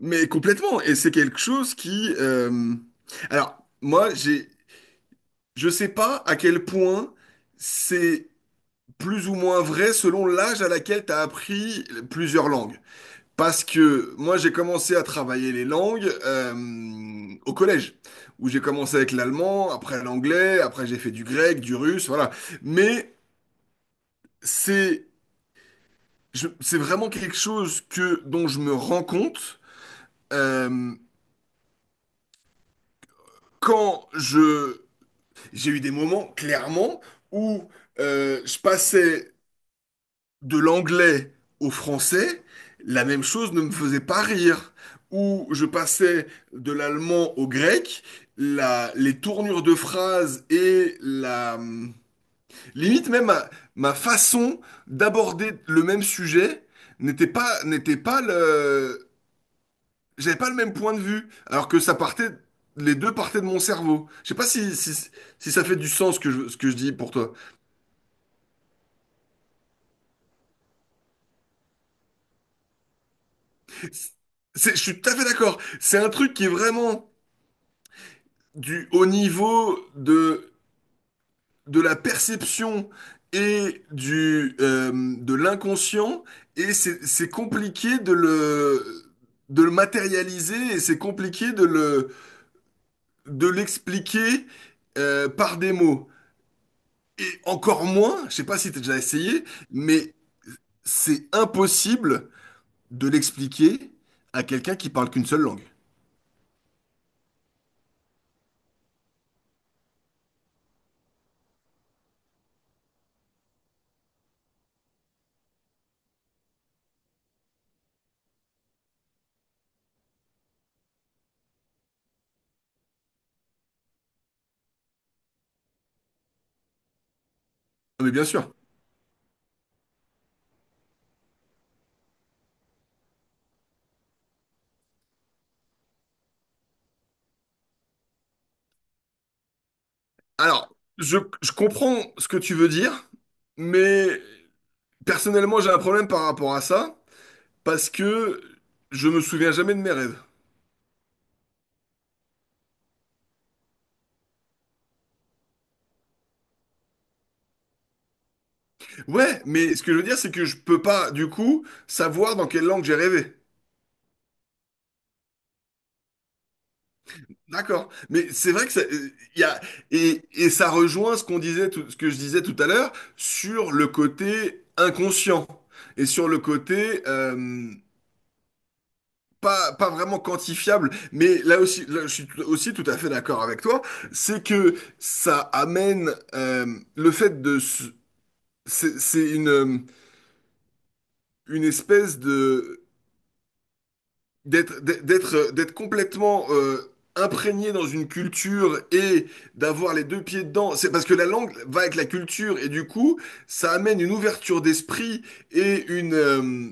Mais complètement, et c'est quelque chose qui... Alors, moi, j'ai... je sais pas à quel point c'est plus ou moins vrai selon l'âge à laquelle tu as appris plusieurs langues. Parce que moi, j'ai commencé à travailler les langues au collège, où j'ai commencé avec l'allemand, après l'anglais, après j'ai fait du grec, du russe, voilà. Mais c'est c'est vraiment quelque chose que dont je me rends compte euh, quand je... J'ai eu des moments, clairement, où je passais de l'anglais au français, la même chose ne me faisait pas rire. Où je passais de l'allemand au grec, les tournures de phrases et la... Limite même ma façon d'aborder le même sujet n'était pas le... J'avais pas le même point de vue, alors que ça partait... Les deux partaient de mon cerveau. Je sais pas si ça fait du sens ce que je dis pour toi. Je suis tout à fait d'accord. C'est un truc qui est vraiment du au niveau de la perception et de l'inconscient, et c'est compliqué de le matérialiser, et c'est compliqué de de l'expliquer par des mots. Et encore moins, je sais pas si tu as déjà essayé, mais c'est impossible de l'expliquer à quelqu'un qui parle qu'une seule langue. Non, mais bien sûr. Alors, je comprends ce que tu veux dire, mais personnellement, j'ai un problème par rapport à ça, parce que je me souviens jamais de mes rêves. Ouais, mais ce que je veux dire, c'est que je peux pas, du coup, savoir dans quelle langue j'ai rêvé. D'accord. Mais c'est vrai que ça, y a, et ça rejoint ce qu'on disait, ce que je disais tout à l'heure sur le côté inconscient et sur le côté, pas vraiment quantifiable, mais là aussi, là, je suis aussi tout à fait d'accord avec toi, c'est que ça amène le fait de... C'est une espèce de... d'être complètement imprégné dans une culture et d'avoir les deux pieds dedans. C'est parce que la langue va avec la culture et du coup, ça amène une ouverture d'esprit et une... euh,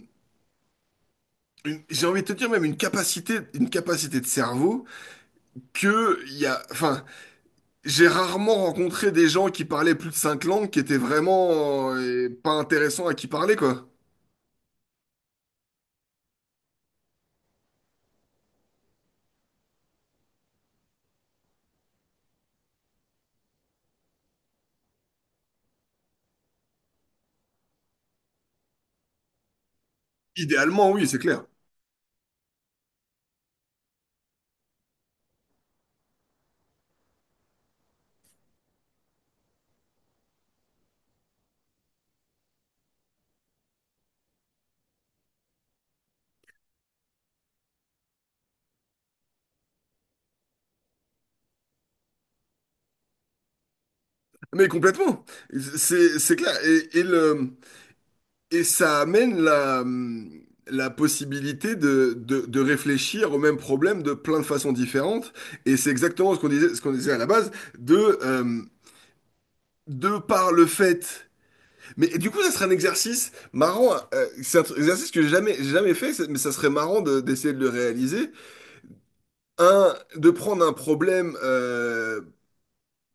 une- J'ai envie de te dire même une capacité de cerveau que il y a, enfin, j'ai rarement rencontré des gens qui parlaient plus de 5 langues qui étaient vraiment pas intéressants à qui parler, quoi. Idéalement, oui, c'est clair. Mais complètement. C'est clair. Et ça amène la possibilité de réfléchir au même problème de plein de façons différentes. Et c'est exactement ce qu'on disait à la base, de, euh, de par le fait. Mais et du coup, ça serait un exercice marrant. C'est un exercice que j'ai jamais fait, mais ça serait marrant d'essayer de le réaliser. De prendre un problème,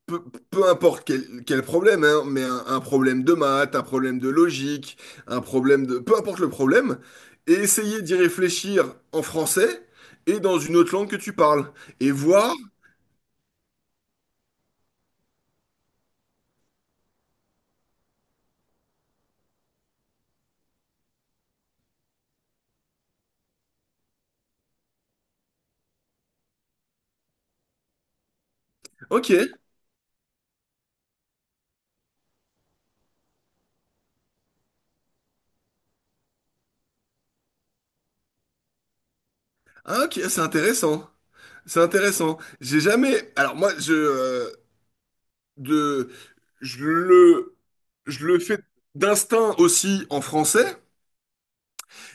peu, peu importe quel problème, hein, mais un problème de maths, un problème de logique, un problème de... Peu importe le problème, et essayer d'y réfléchir en français et dans une autre langue que tu parles. Et voir, ok. Ah, ok, c'est intéressant. C'est intéressant. J'ai jamais... Alors moi, je... de, je le... Je le fais d'instinct aussi en français,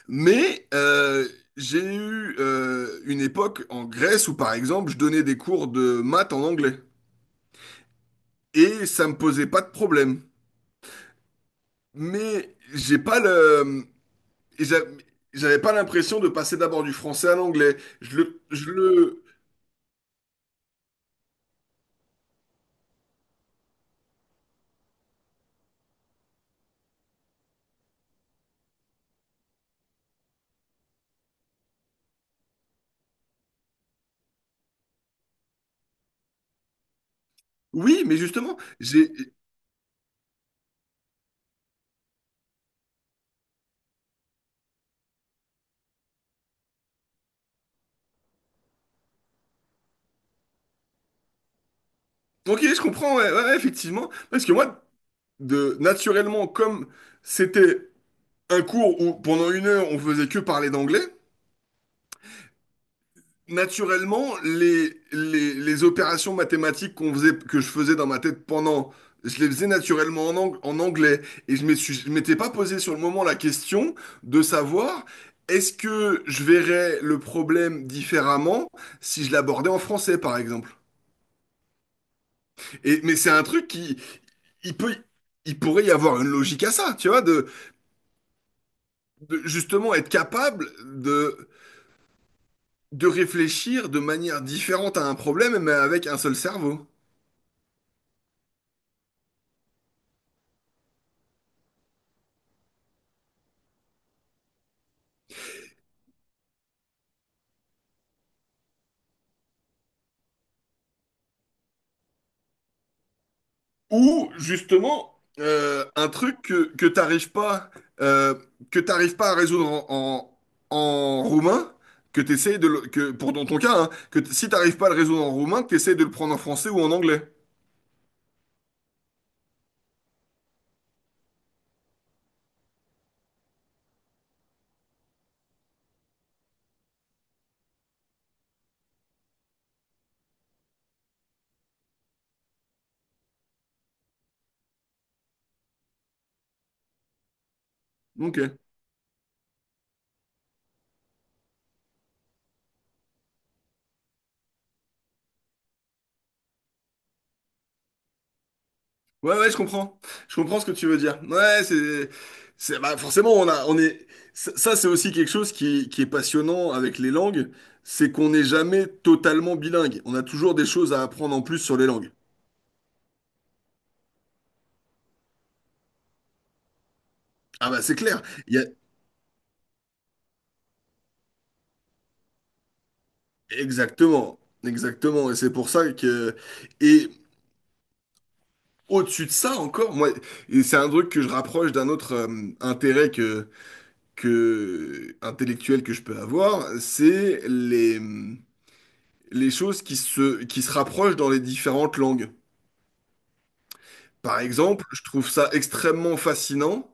mais j'ai eu une époque en Grèce où, par exemple, je donnais des cours de maths en anglais. Et ça me posait pas de problème. Mais j'ai pas le... Et j'avais pas l'impression de passer d'abord du français à l'anglais. Je le... Oui, mais justement, j'ai... Ok, je comprends, ouais, ouais, ouais, effectivement. Parce que moi, de... naturellement, comme c'était un cours où pendant 1 heure, on faisait que parler d'anglais, naturellement, les opérations mathématiques qu'on faisait, que je faisais dans ma tête pendant, je les faisais naturellement en anglais. Et je me je m'étais pas posé sur le moment la question de savoir est-ce que je verrais le problème différemment si je l'abordais en français, par exemple. Mais c'est un truc qui, il peut, il pourrait y avoir une logique à ça, tu vois, de justement être capable de, de réfléchir de manière différente à un problème, mais avec un seul cerveau. Ou justement, un truc que t'arrives pas, euh, que t'arrives pas à résoudre en roumain, que t'essayes que, pour dans ton cas, hein, si t'arrives pas à le résoudre en roumain, que t'essayes de le prendre en français ou en anglais. Ok. Ouais, ouais, je comprends. Je comprends ce que tu veux dire. Ouais, bah, forcément, on est, ça, c'est aussi quelque chose qui est passionnant avec les langues, c'est qu'on n'est jamais totalement bilingue. On a toujours des choses à apprendre en plus sur les langues. Ah bah, c'est clair. Exactement, exactement. Et c'est pour ça que... Et au-dessus de ça encore, moi, et c'est un truc que je rapproche d'un autre intérêt que intellectuel que je peux avoir, c'est les choses qui se rapprochent dans les différentes langues. Par exemple, je trouve ça extrêmement fascinant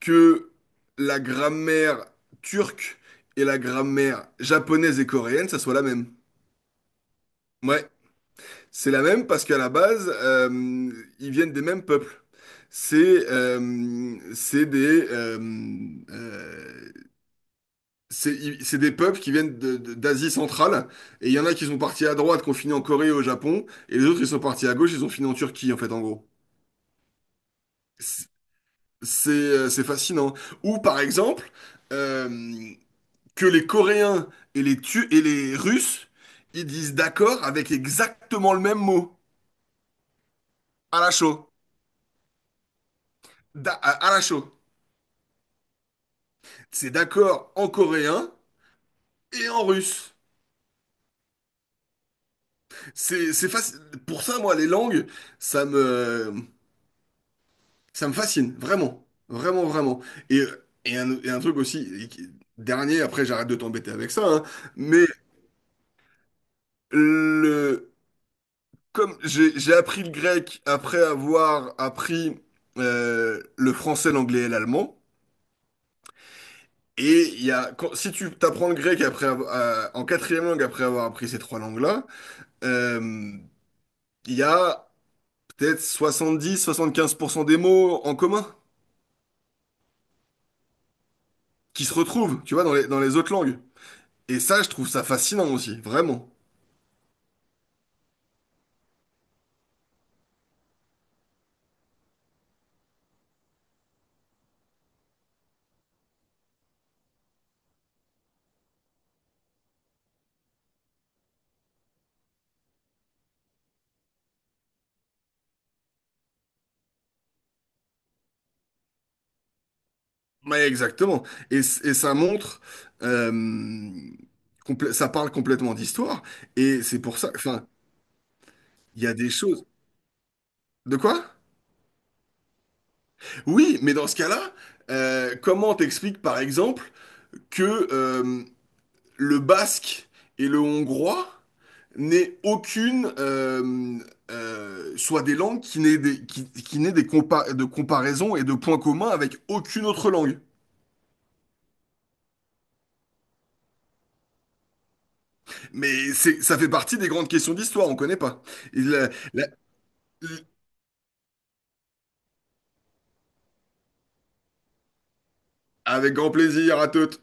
que la grammaire turque et la grammaire japonaise et coréenne, ça soit la même. Ouais. C'est la même parce qu'à la base, ils viennent des mêmes peuples. C'est euh, c'est des, euh, euh, c'est des peuples qui viennent d'Asie centrale. Et il y en a qui sont partis à droite, qui ont fini en Corée et au Japon. Et les autres, ils sont partis à gauche, ils ont fini en Turquie, en fait, en gros. C'est c'est fascinant. Ou par exemple, euh, que les Coréens et et les Russes, ils disent d'accord avec exactement le même mot, à la chaux. À la chaux. C'est d'accord en coréen et en russe. C'est, c'est faci- Pour ça, moi, les langues, ça me, ça me fascine, vraiment. Vraiment, vraiment. Et, et un truc aussi, dernier, après, j'arrête de t'embêter avec ça, hein, mais le, comme j'ai appris le grec après avoir appris le français, l'anglais et l'allemand, et il y a, si tu t'apprends le grec après, en 4e langue après avoir appris ces 3 langues-là, euh, il y a peut-être 70-75% des mots en commun qui se retrouvent, tu vois, dans les autres langues. Et ça, je trouve ça fascinant aussi, vraiment. Mais exactement. Et ça montre, euh, ça parle complètement d'histoire. Et c'est pour ça, enfin, il y a des choses. De quoi? Oui, mais dans ce cas-là, comment t'expliques par exemple que le basque et le hongrois n'ait aucune, soit des langues qui qui n'aient de comparaisons et de points communs avec aucune autre langue. Mais ça fait partie des grandes questions d'histoire, on connaît pas. Il, euh, la- Avec grand plaisir à toutes.